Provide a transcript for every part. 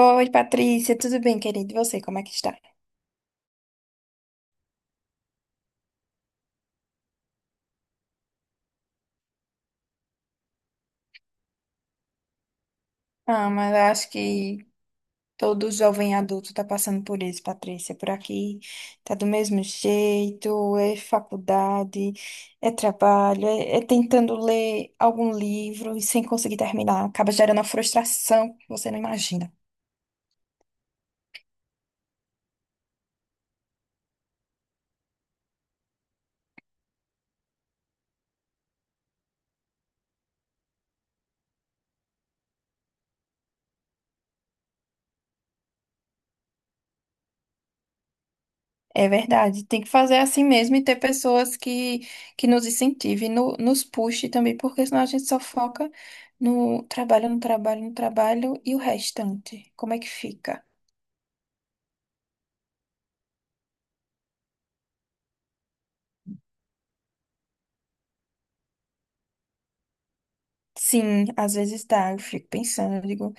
Oi, Patrícia, tudo bem, querido? E você, como é que está? Ah, mas eu acho que todo jovem adulto está passando por isso, Patrícia. Por aqui tá do mesmo jeito, é faculdade, é trabalho, é tentando ler algum livro e sem conseguir terminar. Acaba gerando uma frustração que você não imagina. É verdade, tem que fazer assim mesmo e ter pessoas que nos incentivem, nos puxe também, porque senão a gente só foca no trabalho, no trabalho, no trabalho e o restante. Como é que fica? Sim, às vezes dá, eu fico pensando, eu digo,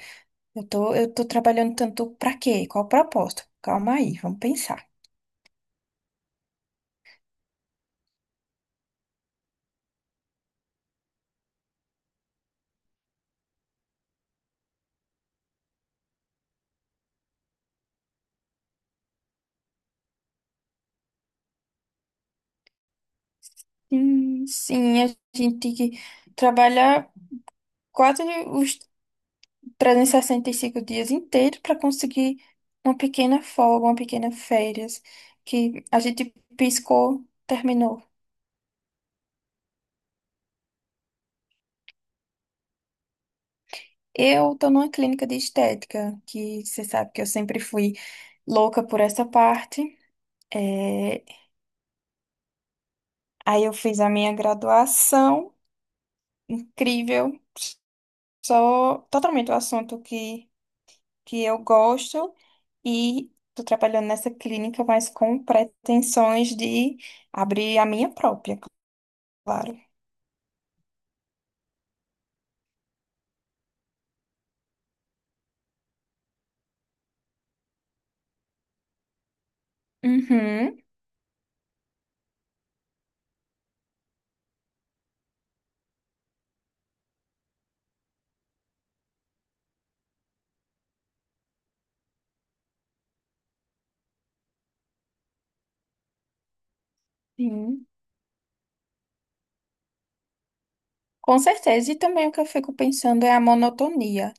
eu tô trabalhando tanto pra quê? Qual o propósito? Calma aí, vamos pensar. Sim, a gente tem que trabalhar quase os 365 dias inteiros para conseguir uma pequena folga, uma pequena férias, que a gente piscou, terminou. Eu tô numa clínica de estética, que você sabe que eu sempre fui louca por essa parte. É. Aí eu fiz a minha graduação, incrível, só totalmente o assunto que eu gosto e tô trabalhando nessa clínica, mas com pretensões de abrir a minha própria, claro. Uhum. Sim, com certeza. E também o que eu fico pensando é a monotonia.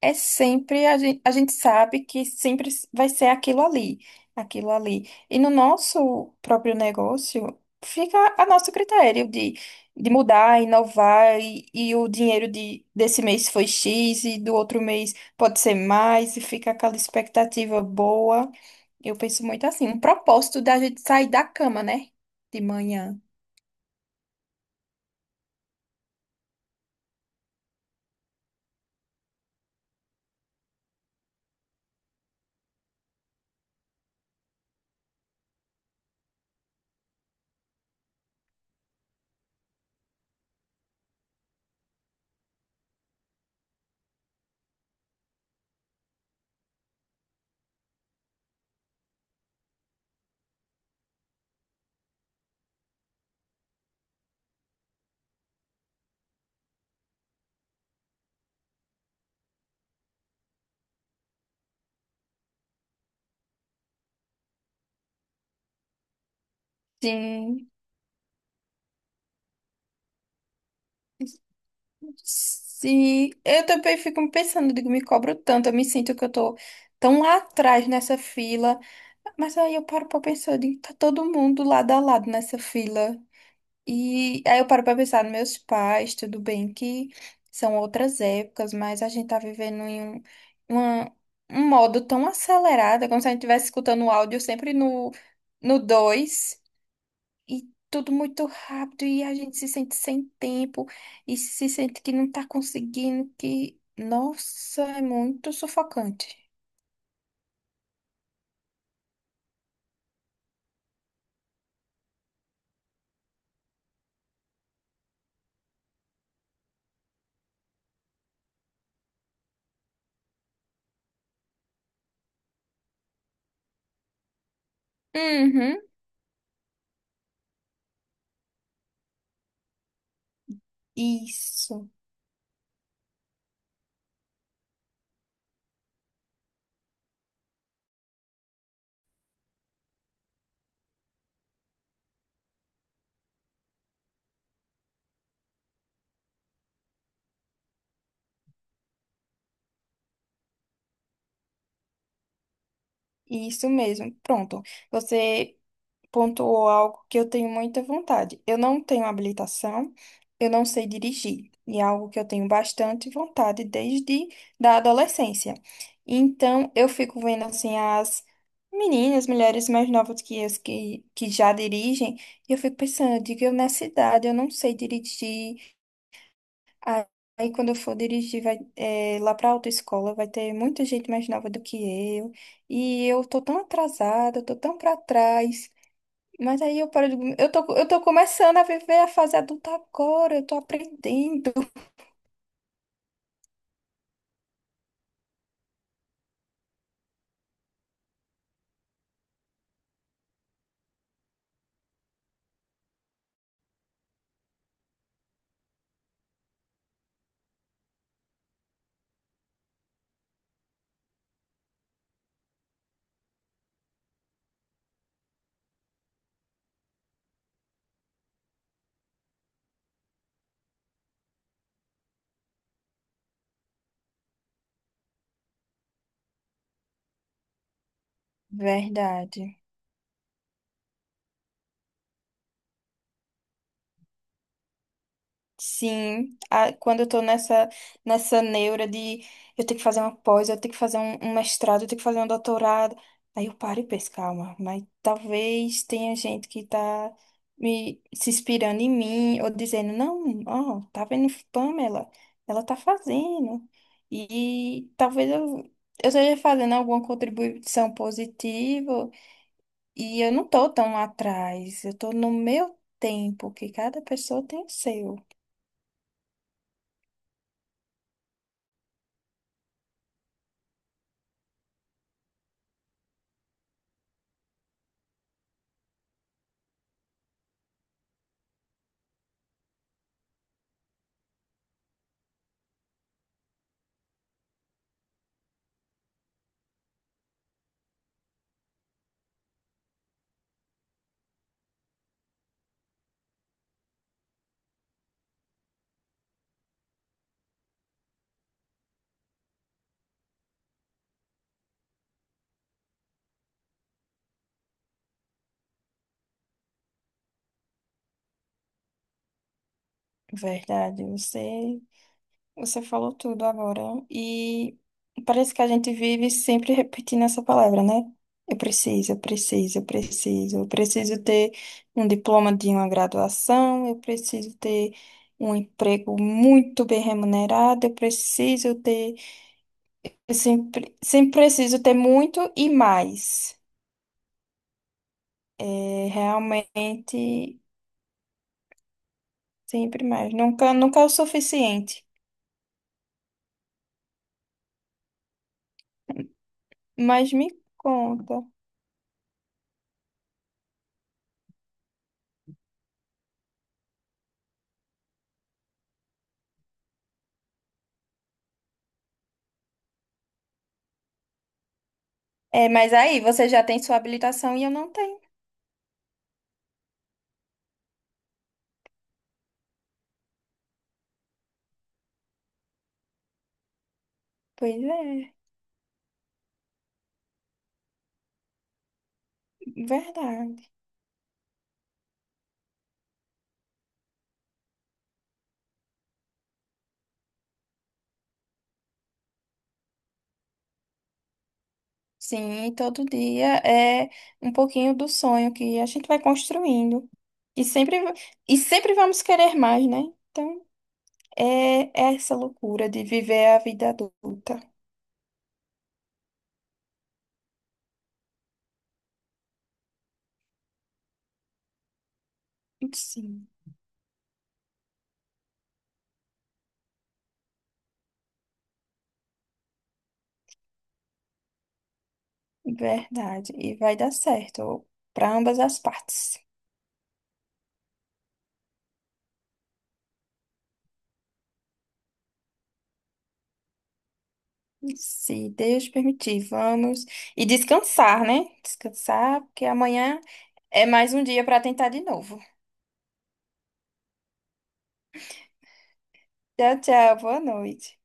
É sempre, a gente sabe que sempre vai ser aquilo ali, aquilo ali. E no nosso próprio negócio, fica a nosso critério de mudar, inovar, e o dinheiro de, desse mês foi X, e do outro mês pode ser mais, e fica aquela expectativa boa. Eu penso muito assim, um propósito da gente sair da cama, né? De manhã. Sim. Se eu também fico pensando, digo, me cobro tanto, eu me sinto que eu tô tão lá atrás nessa fila, mas aí eu paro pra pensar, eu digo, tá todo mundo lado a lado nessa fila. E aí eu paro pra pensar nos meus pais, tudo bem que são outras épocas, mas a gente tá vivendo em um, uma- um modo tão acelerado, é como se a gente estivesse escutando o áudio sempre no 2 e tudo muito rápido e a gente se sente sem tempo e se sente que não tá conseguindo, que, nossa, é muito sufocante. Uhum, isso, isso mesmo. Pronto. Você pontuou algo que eu tenho muita vontade. Eu não tenho habilitação, eu não sei dirigir, e é algo que eu tenho bastante vontade desde da adolescência. Então, eu fico vendo assim as meninas, mulheres mais novas que as que já dirigem, e eu fico pensando, eu digo, eu nessa idade, eu não sei dirigir. Aí aí quando eu for dirigir vai, lá para autoescola, vai ter muita gente mais nova do que eu. E eu tô tão atrasada, eu tô tão para trás. Mas aí eu paro de... eu tô começando a viver a fase adulta agora, eu tô aprendendo. Verdade. Sim, a- quando eu tô nessa, nessa neura de eu tenho que fazer uma pós, eu tenho que fazer um mestrado, eu tenho que fazer um doutorado. Aí eu paro e penso, calma, mas talvez tenha gente que tá me se inspirando em mim, ou dizendo, não, ó, tá vendo Pamela? Ela tá fazendo. E talvez eu esteja fazendo alguma contribuição positiva, e eu não tô tão atrás, eu tô no meu tempo, que cada pessoa tem o seu. Verdade, você falou tudo agora. E parece que a gente vive sempre repetindo essa palavra, né? Eu preciso, eu preciso, eu preciso. Eu preciso ter um diploma de uma graduação, eu preciso ter um emprego muito bem remunerado, eu preciso ter. Eu sempre, sempre preciso ter muito e mais. É, realmente, sempre mais. Nunca, nunca é o suficiente. Mas me conta. É, mas aí você já tem sua habilitação e eu não tenho. Pois é, verdade. Sim, e todo dia é um pouquinho do sonho que a gente vai construindo. E sempre, e sempre vamos querer mais, né? Então, é é essa loucura de viver a vida adulta. Sim, verdade. E vai dar certo para ambas as partes. Se Deus permitir, vamos. E descansar, né? Descansar, porque amanhã é mais um dia para tentar de novo. Tchau, tchau. Boa noite.